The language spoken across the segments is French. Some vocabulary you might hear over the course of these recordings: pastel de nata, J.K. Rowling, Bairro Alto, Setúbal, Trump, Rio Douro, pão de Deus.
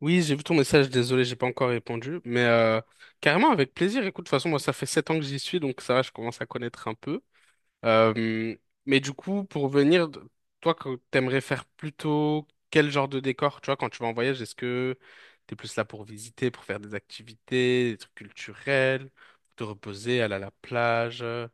Oui, j'ai vu ton message, désolé, j'ai pas encore répondu, mais carrément avec plaisir. Écoute, de toute façon, moi, ça fait 7 ans que j'y suis, donc ça va, je commence à connaître un peu. Euh, mais du coup, pour venir, toi, que t'aimerais faire plutôt quel genre de décor, tu vois, quand tu vas en voyage, est-ce que t'es plus là pour visiter, pour faire des activités, des trucs culturels, pour te reposer, aller à la plage? euh,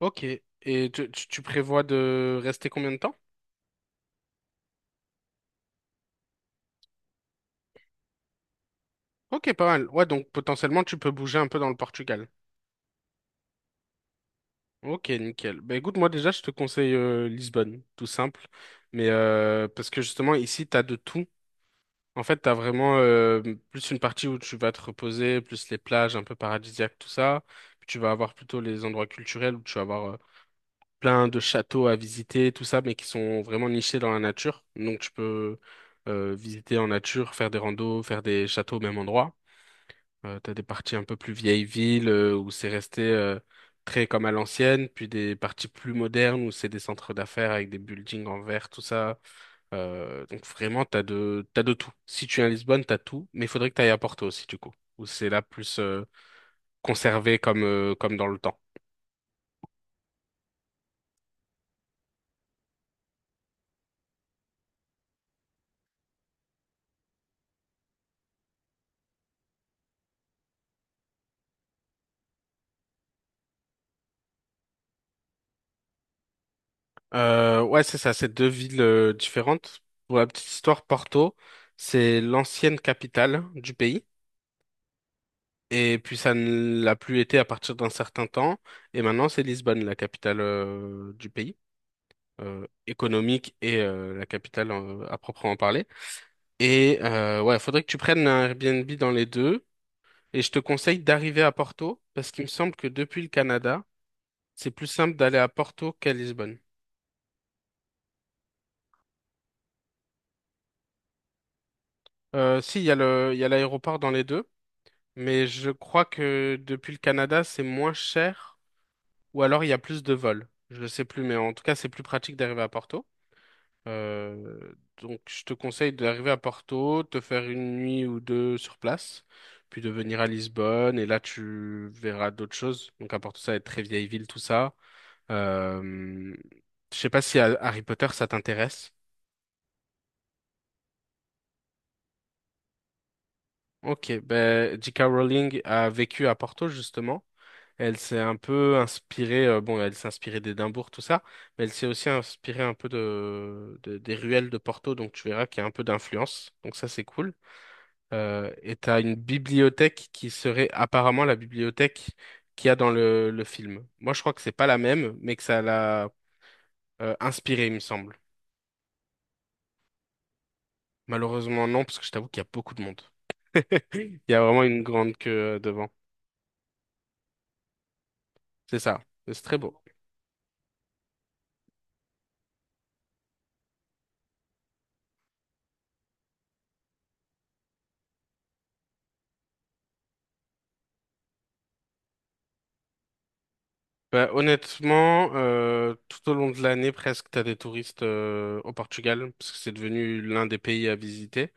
ok. Et tu prévois de rester combien de temps? Ok, pas mal. Ouais, donc potentiellement, tu peux bouger un peu dans le Portugal. Ok, nickel. Bah écoute, moi déjà, je te conseille Lisbonne, tout simple. Mais parce que justement, ici, t'as de tout. En fait, t'as vraiment plus une partie où tu vas te reposer, plus les plages un peu paradisiaques, tout ça. Puis tu vas avoir plutôt les endroits culturels où tu vas avoir plein de châteaux à visiter, tout ça, mais qui sont vraiment nichés dans la nature. Donc tu peux visiter en nature, faire des randos, faire des châteaux au même endroit. T'as des parties un peu plus vieilles villes où c'est resté très comme à l'ancienne, puis des parties plus modernes où c'est des centres d'affaires avec des buildings en verre, tout ça. Donc vraiment, t'as de tout. Si tu es à Lisbonne, t'as tout, mais il faudrait que t'ailles à Porto aussi, du coup, où c'est là plus conservé comme dans le temps. Ouais, c'est ça, c'est deux villes différentes. Pour la petite histoire, Porto, c'est l'ancienne capitale du pays. Et puis ça ne l'a plus été à partir d'un certain temps. Et maintenant, c'est Lisbonne, la capitale du pays, économique et la capitale à proprement parler. Et ouais, faudrait que tu prennes un Airbnb dans les deux. Et je te conseille d'arriver à Porto, parce qu'il me semble que depuis le Canada, c'est plus simple d'aller à Porto qu'à Lisbonne. Si, il y a l'aéroport dans les deux. Mais je crois que depuis le Canada, c'est moins cher, ou alors il y a plus de vols. Je ne sais plus, mais en tout cas, c'est plus pratique d'arriver à Porto. Euh, donc, je te conseille d'arriver à Porto, te faire une nuit ou deux sur place, puis de venir à Lisbonne, et là, tu verras d'autres choses. Donc, à Porto, ça va être très vieille ville, tout ça. Euh, je sais pas si Harry Potter, ça t'intéresse. Ok, ben, J.K. Rowling a vécu à Porto, justement. Elle s'est un peu inspirée, bon, elle s'est inspirée d'Édimbourg, tout ça, mais elle s'est aussi inspirée un peu des ruelles de Porto, donc tu verras qu'il y a un peu d'influence, donc ça c'est cool. Et t'as une bibliothèque qui serait apparemment la bibliothèque qu'il y a dans le film. Moi je crois que c'est pas la même, mais que ça l'a inspirée, il me semble. Malheureusement non, parce que je t'avoue qu'il y a beaucoup de monde. Il y a vraiment une grande queue devant. C'est ça, c'est très beau. Bah, honnêtement, tout au long de l'année, presque, t'as des touristes au Portugal, parce que c'est devenu l'un des pays à visiter.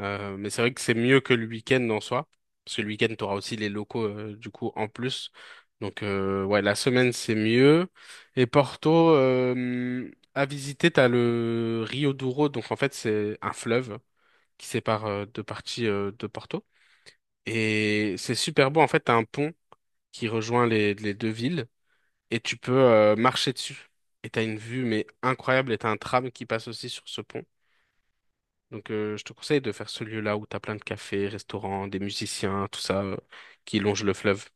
Mais c'est vrai que c'est mieux que le week-end en soi, parce que le week-end, t'auras aussi les locaux, du coup, en plus. Donc, ouais, la semaine, c'est mieux. Et Porto, à visiter, t'as le Rio Douro, donc en fait, c'est un fleuve qui sépare deux parties de Porto. Et c'est super beau, en fait, t'as un pont qui rejoint les deux villes et tu peux marcher dessus. Et t'as une vue mais incroyable et t'as un tram qui passe aussi sur ce pont. Donc je te conseille de faire ce lieu-là où t'as plein de cafés, restaurants, des musiciens, tout ça qui longe le fleuve.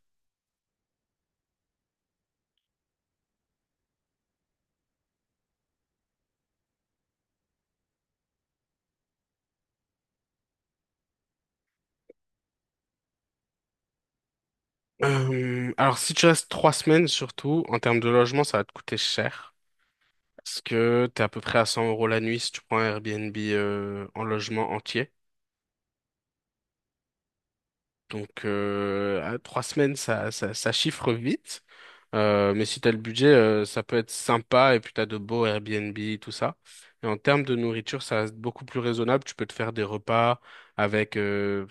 Alors si tu restes 3 semaines surtout, en termes de logement, ça va te coûter cher. Parce que t'es à peu près à 100 € la nuit si tu prends un Airbnb en logement entier. Donc, à 3 semaines, ça chiffre vite. Mais si t'as le budget, ça peut être sympa. Et puis, t'as de beaux Airbnb, tout ça. Et en termes de nourriture, ça reste beaucoup plus raisonnable. Tu peux te faire des repas avec euh,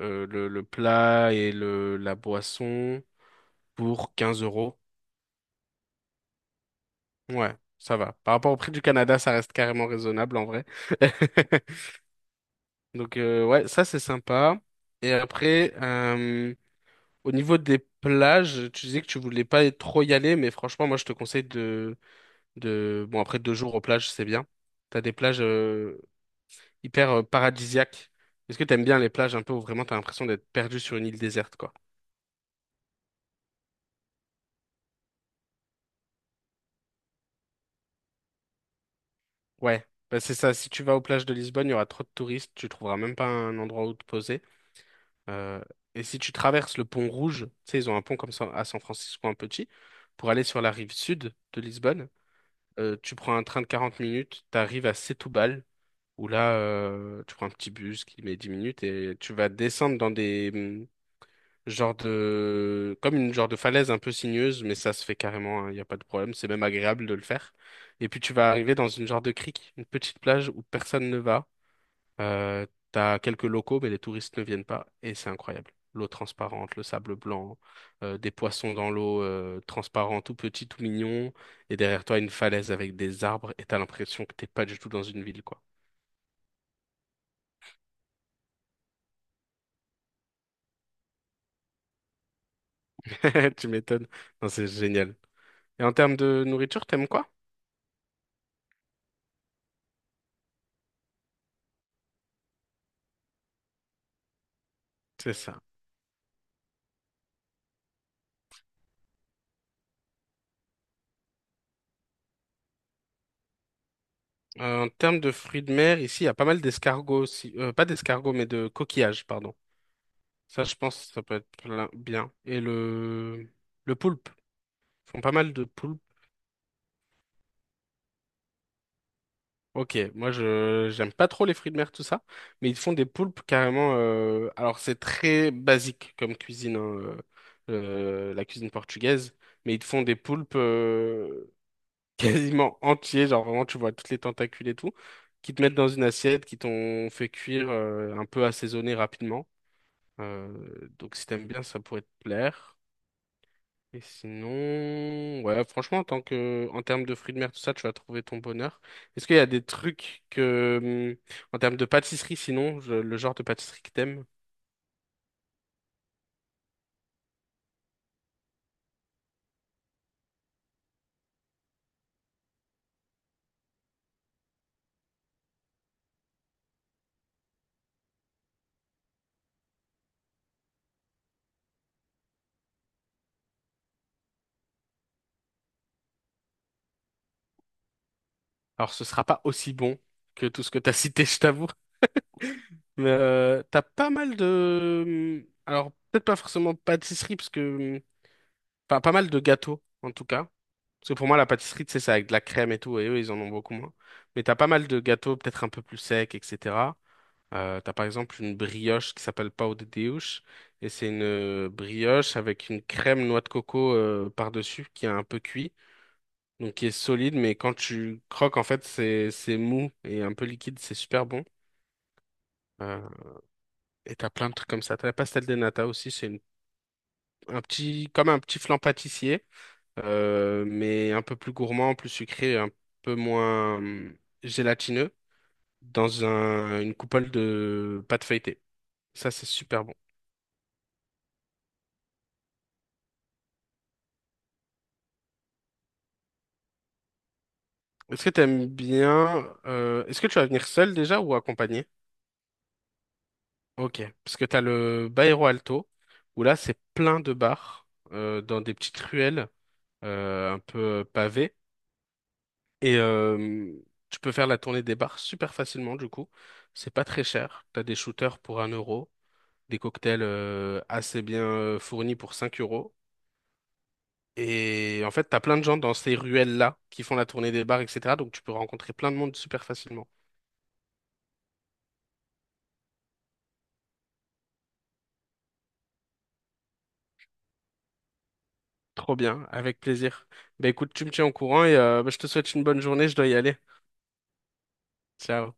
euh, le plat et la boisson pour 15 euros. Ouais, ça va. Par rapport au prix du Canada, ça reste carrément raisonnable en vrai. Donc, ouais, ça, c'est sympa. Et après, au niveau des plages, tu disais que tu voulais pas trop y aller, mais franchement, moi, je te conseille. Bon, après 2 jours aux plages, c'est bien. T'as des plages hyper paradisiaques. Est-ce que t'aimes bien les plages un peu où vraiment t'as l'impression d'être perdu sur une île déserte, quoi? Ouais, bah, c'est ça. Si tu vas aux plages de Lisbonne, il y aura trop de touristes, tu trouveras même pas un endroit où te poser. Euh, et si tu traverses le pont Rouge, tu sais, ils ont un pont comme ça à San Francisco, un petit, pour aller sur la rive sud de Lisbonne, tu prends un train de 40 minutes, t'arrives à Setúbal. Où là, tu prends un petit bus qui met 10 minutes et tu vas descendre dans des genres de comme une genre de falaise un peu sinueuse, mais ça se fait carrément, il n'y a pas de problème, c'est même agréable de le faire. Et puis tu vas arriver dans une genre de crique, une petite plage où personne ne va. T'as quelques locaux, mais les touristes ne viennent pas et c'est incroyable. L'eau transparente, le sable blanc, des poissons dans l'eau transparents, tout petits, tout mignons, et derrière toi une falaise avec des arbres, et t'as l'impression que t'es pas du tout dans une ville, quoi. Tu m'étonnes. Non, c'est génial. Et en termes de nourriture, t'aimes quoi? C'est ça. En termes de fruits de mer, ici, il y a pas mal d'escargots aussi. Pas d'escargots, mais de coquillages, pardon. Ça, je pense, ça peut être bien. Et le poulpe. Ils font pas mal de poulpes. Ok, moi, je j'aime pas trop les fruits de mer, tout ça. Mais ils font des poulpes carrément. Alors, c'est très basique comme cuisine, hein, la cuisine portugaise. Mais ils te font des poulpes, quasiment entier, genre vraiment tu vois toutes les tentacules et tout, qui te mettent dans une assiette, qui t'ont fait cuire un peu assaisonné rapidement. Euh, donc si t'aimes bien, ça pourrait te plaire. Et sinon, ouais, franchement, en tant que, en termes de fruits de mer, tout ça, tu vas trouver ton bonheur. Est-ce qu'il y a des trucs que, en termes de pâtisserie, sinon, le genre de pâtisserie que t'aimes, alors ce sera pas aussi bon que tout ce que t'as cité, je t'avoue. Mais t'as pas mal de... Alors, peut-être pas forcément pâtisserie, parce que pas mal de gâteaux, en tout cas. Parce que pour moi, la pâtisserie, tu sais, c'est avec de la crème et tout, et eux, ils en ont beaucoup moins. Mais t'as pas mal de gâteaux, peut-être un peu plus secs, etc. T'as par exemple une brioche qui s'appelle pão de Deus, et c'est une brioche avec une crème noix de coco par-dessus, qui est un peu cuit, donc qui est solide, mais quand tu croques, en fait, c'est mou et un peu liquide, c'est super bon. Euh, et t'as plein de trucs comme ça. T'as la pastel de nata aussi, c'est un petit, comme un petit flan pâtissier mais un peu plus gourmand, plus sucré, un peu moins gélatineux, dans une coupole de pâte feuilletée. Ça, c'est super bon. Est-ce que tu aimes bien, est-ce que tu vas venir seul déjà ou accompagné? Ok, parce que tu as le Bairro Alto, où là, c'est plein de bars, dans des petites ruelles, un peu pavées. Et tu peux faire la tournée des bars super facilement, du coup. C'est pas très cher. Tu as des shooters pour un euro. Des cocktails assez bien fournis pour 5 euros. Et en fait, t'as plein de gens dans ces ruelles-là qui font la tournée des bars, etc. Donc tu peux rencontrer plein de monde super facilement. Trop bien, avec plaisir. Bah écoute, tu me tiens au courant et bah, je te souhaite une bonne journée, je dois y aller. Ciao.